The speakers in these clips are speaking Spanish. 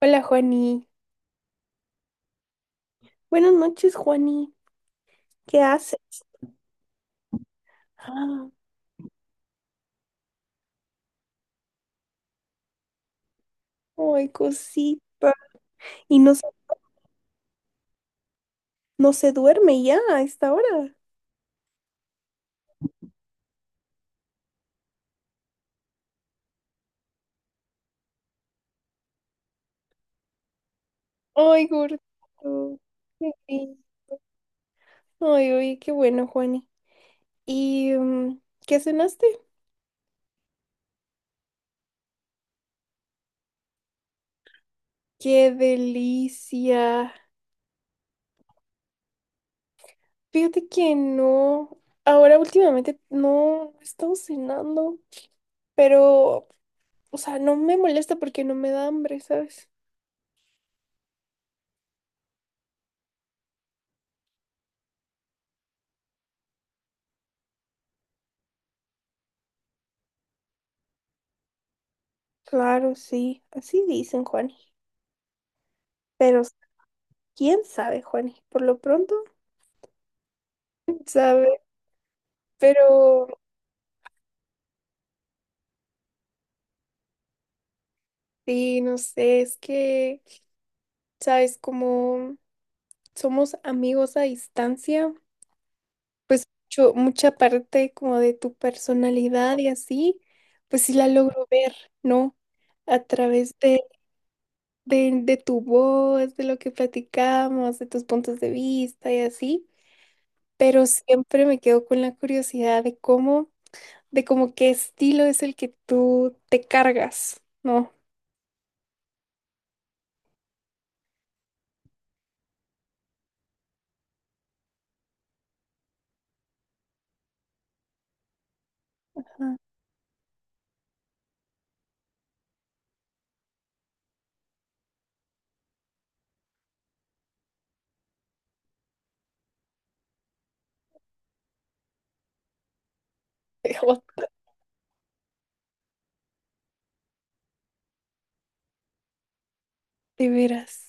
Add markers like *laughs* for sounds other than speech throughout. Hola, Juani. Buenas noches, Juani. ¿Qué haces? Ah, Ay, cosita. Y no, no se duerme ya a esta hora. Ay, gordito. Qué bien. Ay, oye, qué bueno, Juani. ¿Y qué cenaste? Qué delicia. Fíjate que no. Ahora últimamente no he estado cenando, pero, o sea, no me molesta porque no me da hambre, ¿sabes? Claro, sí. Así dicen, Juani. Pero ¿quién sabe, Juanes? Por lo pronto, ¿quién sabe, pero sí, no sé, es que, ¿sabes? Como somos amigos a distancia, pues mucha parte como de tu personalidad y así, pues sí la logro ver, ¿no? A través de tu voz, de lo que platicamos, de tus puntos de vista y así, pero siempre me quedo con la curiosidad de cómo qué estilo es el que tú te cargas, ¿no? Jo, de veras,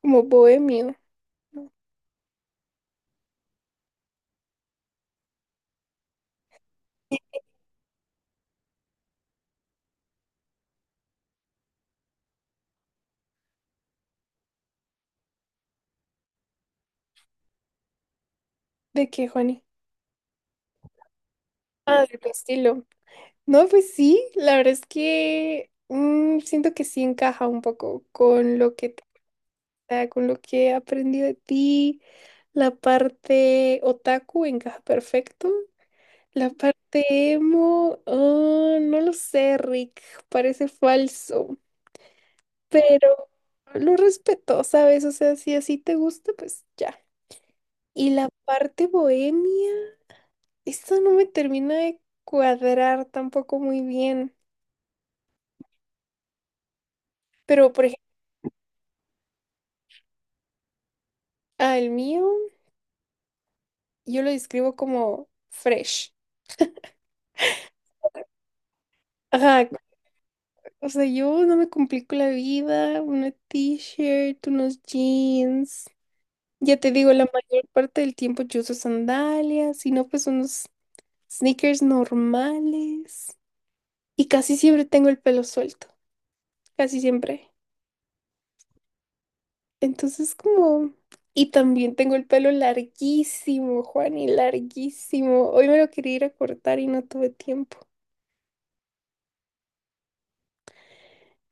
como bohemio. ¿De qué, Juani? Ah, de tu estilo. No, pues sí, la verdad es que siento que sí encaja un poco con lo que ah, con lo que he aprendido de ti. La parte otaku encaja perfecto. La parte emo, ah, no lo sé, Rick, parece falso, pero lo respeto, ¿sabes? O sea, si así te gusta, pues ya. Y la parte bohemia. Esto no me termina de cuadrar tampoco muy bien. Pero, por ejemplo, al mío, yo lo describo como fresh. Ajá, o sea, yo no me complico la vida, una t-shirt, unos jeans. Ya te digo, la mayor parte del tiempo yo uso sandalias, si no, pues unos sneakers normales. Y casi siempre tengo el pelo suelto, casi siempre. Entonces como… Y también tengo el pelo larguísimo, Juan, y larguísimo. Hoy me lo quería ir a cortar y no tuve tiempo.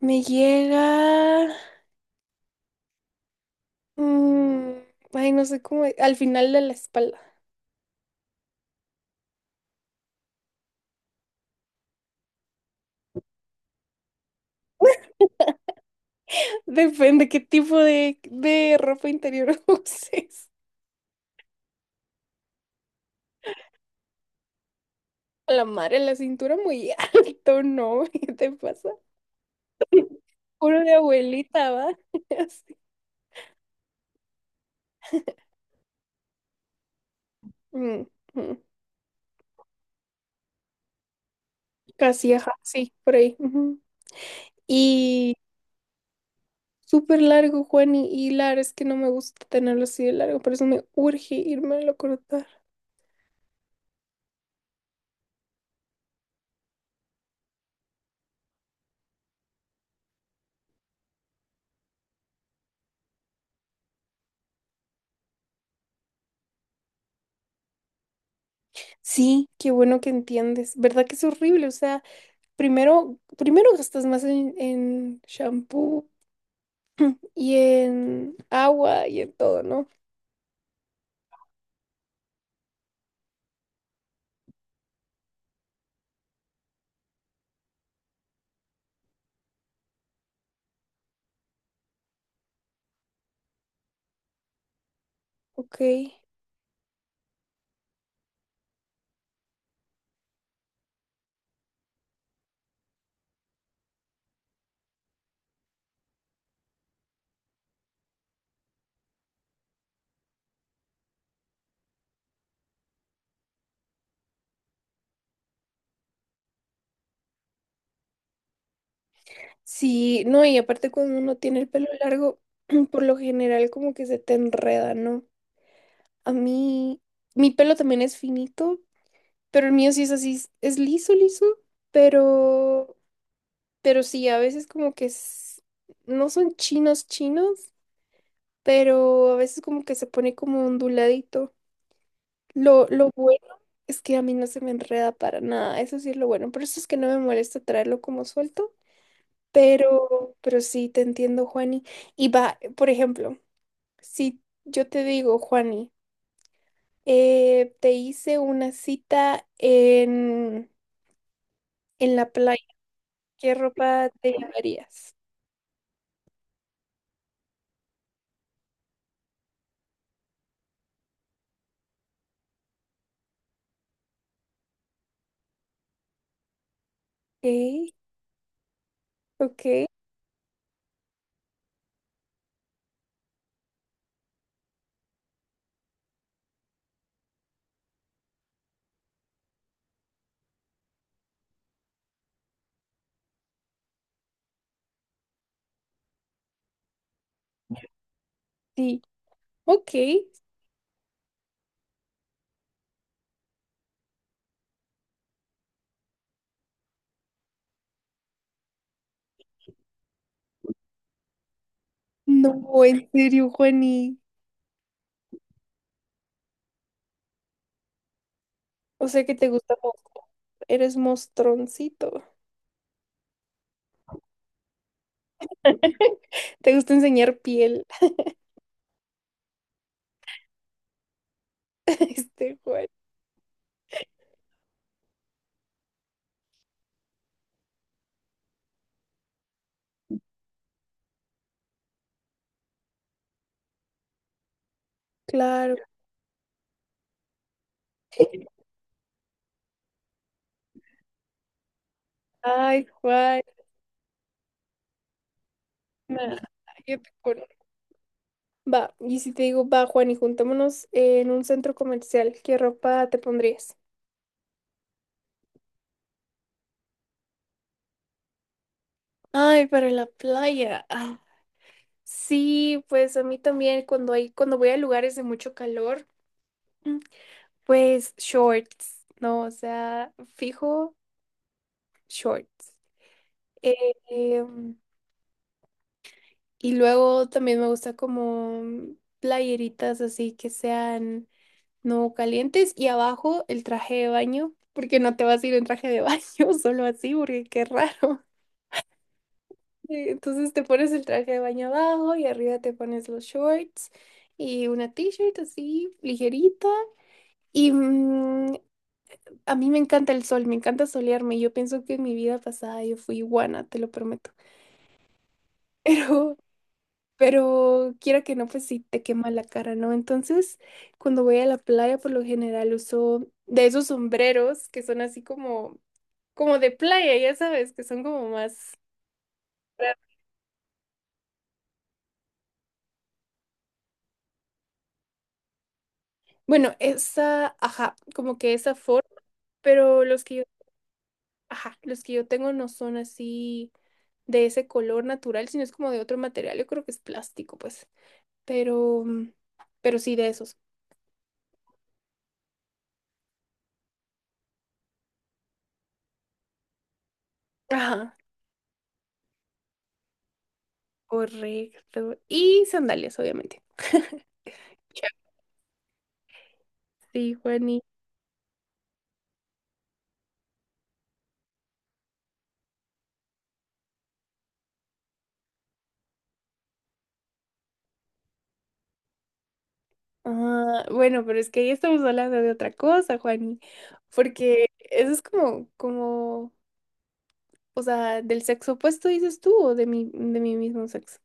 Me llega… mm, ay, no sé cómo… Al final de la espalda. *laughs* Depende qué tipo de ropa interior *laughs* uses. A la madre, la cintura muy alto, ¿no? *laughs* ¿Qué te pasa? Puro de abuelita, ¿va? *laughs* Así. Mm, mm. Casi, ajá, sí, por ahí. Ujú. Y súper largo, Juan, y Lara, es que no me gusta tenerlo así de largo, por eso me urge irme a cortar. Sí, qué bueno que entiendes. ¿Verdad que es horrible? O sea, primero gastas más en shampoo *clears throat* y en agua y en todo, ¿no? Ok. Sí, no, y aparte cuando uno tiene el pelo largo, *clears throat* por lo general como que se te enreda, ¿no? A mí, mi pelo también es finito, pero el mío sí es así, es liso, liso, pero Pero sí, a veces como que no son chinos chinos, pero a veces como que se pone como onduladito. Lo bueno es que a mí no se me enreda para nada, eso sí es lo bueno. Por eso es que no me molesta traerlo como suelto, pero sí, te entiendo, Juani. Y va, por ejemplo, si yo te digo, Juani, te hice una cita en la playa, ¿qué ropa te llevarías? Ok, ok, sí, ok. No, en serio, Juani. O sea que te gusta mostrar. Eres mostroncito. *laughs* Te gusta enseñar piel. *laughs* Este, Juan. Claro. Ay, Juan. Nah, yo te conozco. Va, y si te digo, va, Juan, y juntémonos en un centro comercial, ¿qué ropa te pondrías? Ay, para la playa. Ah, sí, pues a mí también cuando hay, cuando voy a lugares de mucho calor, mm, pues shorts, ¿no? O sea, fijo, shorts. Eh, em, y luego también me gusta como playeritas así que sean no calientes y abajo el traje de baño, porque no te vas a ir en traje de baño *laughs* solo así, porque qué raro. Entonces te pones el traje de baño abajo y arriba te pones los shorts y una t-shirt así ligerita. Y a mí me encanta el sol, me encanta solearme. Yo pienso que en mi vida pasada yo fui iguana, te lo prometo. *laughs* Pero Pero quiera que no, pues sí te quema la cara, ¿no? Entonces, cuando voy a la playa, por lo general uso de esos sombreros que son así como, como de playa, ya sabes, que son como más… Bueno, esa, ajá, como que esa forma, pero ajá, los que yo tengo no son así de ese color natural, sino es como de otro material, yo creo que es plástico, pues. Pero, pero sí de esos. Ajá, correcto. Y sandalias, obviamente. *laughs* Sí, Juani. Ah, bueno, pero es que ahí estamos hablando de otra cosa, Juani, porque eso es como, como, o sea, del sexo opuesto dices tú o de de mi mismo sexo.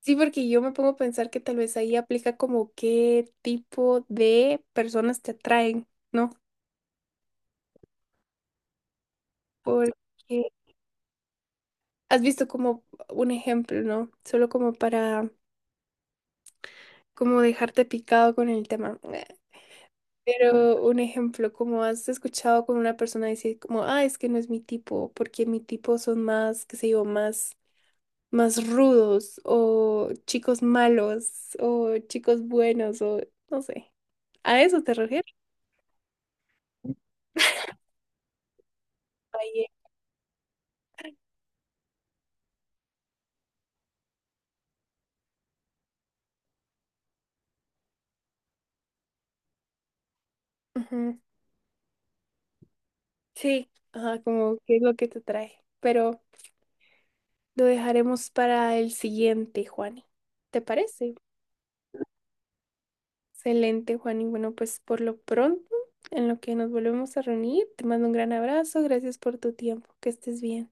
Sí, porque yo me pongo a pensar que tal vez ahí aplica como qué tipo de personas te atraen, ¿no? Porque has visto como un ejemplo, ¿no? Solo como para, como dejarte picado con el tema. Pero un ejemplo, como has escuchado con una persona decir como, ah, es que no es mi tipo, porque mi tipo son más, qué sé yo, más, más rudos, o chicos malos, o chicos buenos, o no sé. ¿A eso te refieres? Ahí, ujú. Sí, ajá, como qué es lo que te trae. Pero lo dejaremos para el siguiente, Juani. ¿Te parece? Excelente, Juan. Y bueno, pues por lo pronto, en lo que nos volvemos a reunir, te mando un gran abrazo. Gracias por tu tiempo. Que estés bien.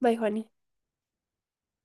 Bye, Juani.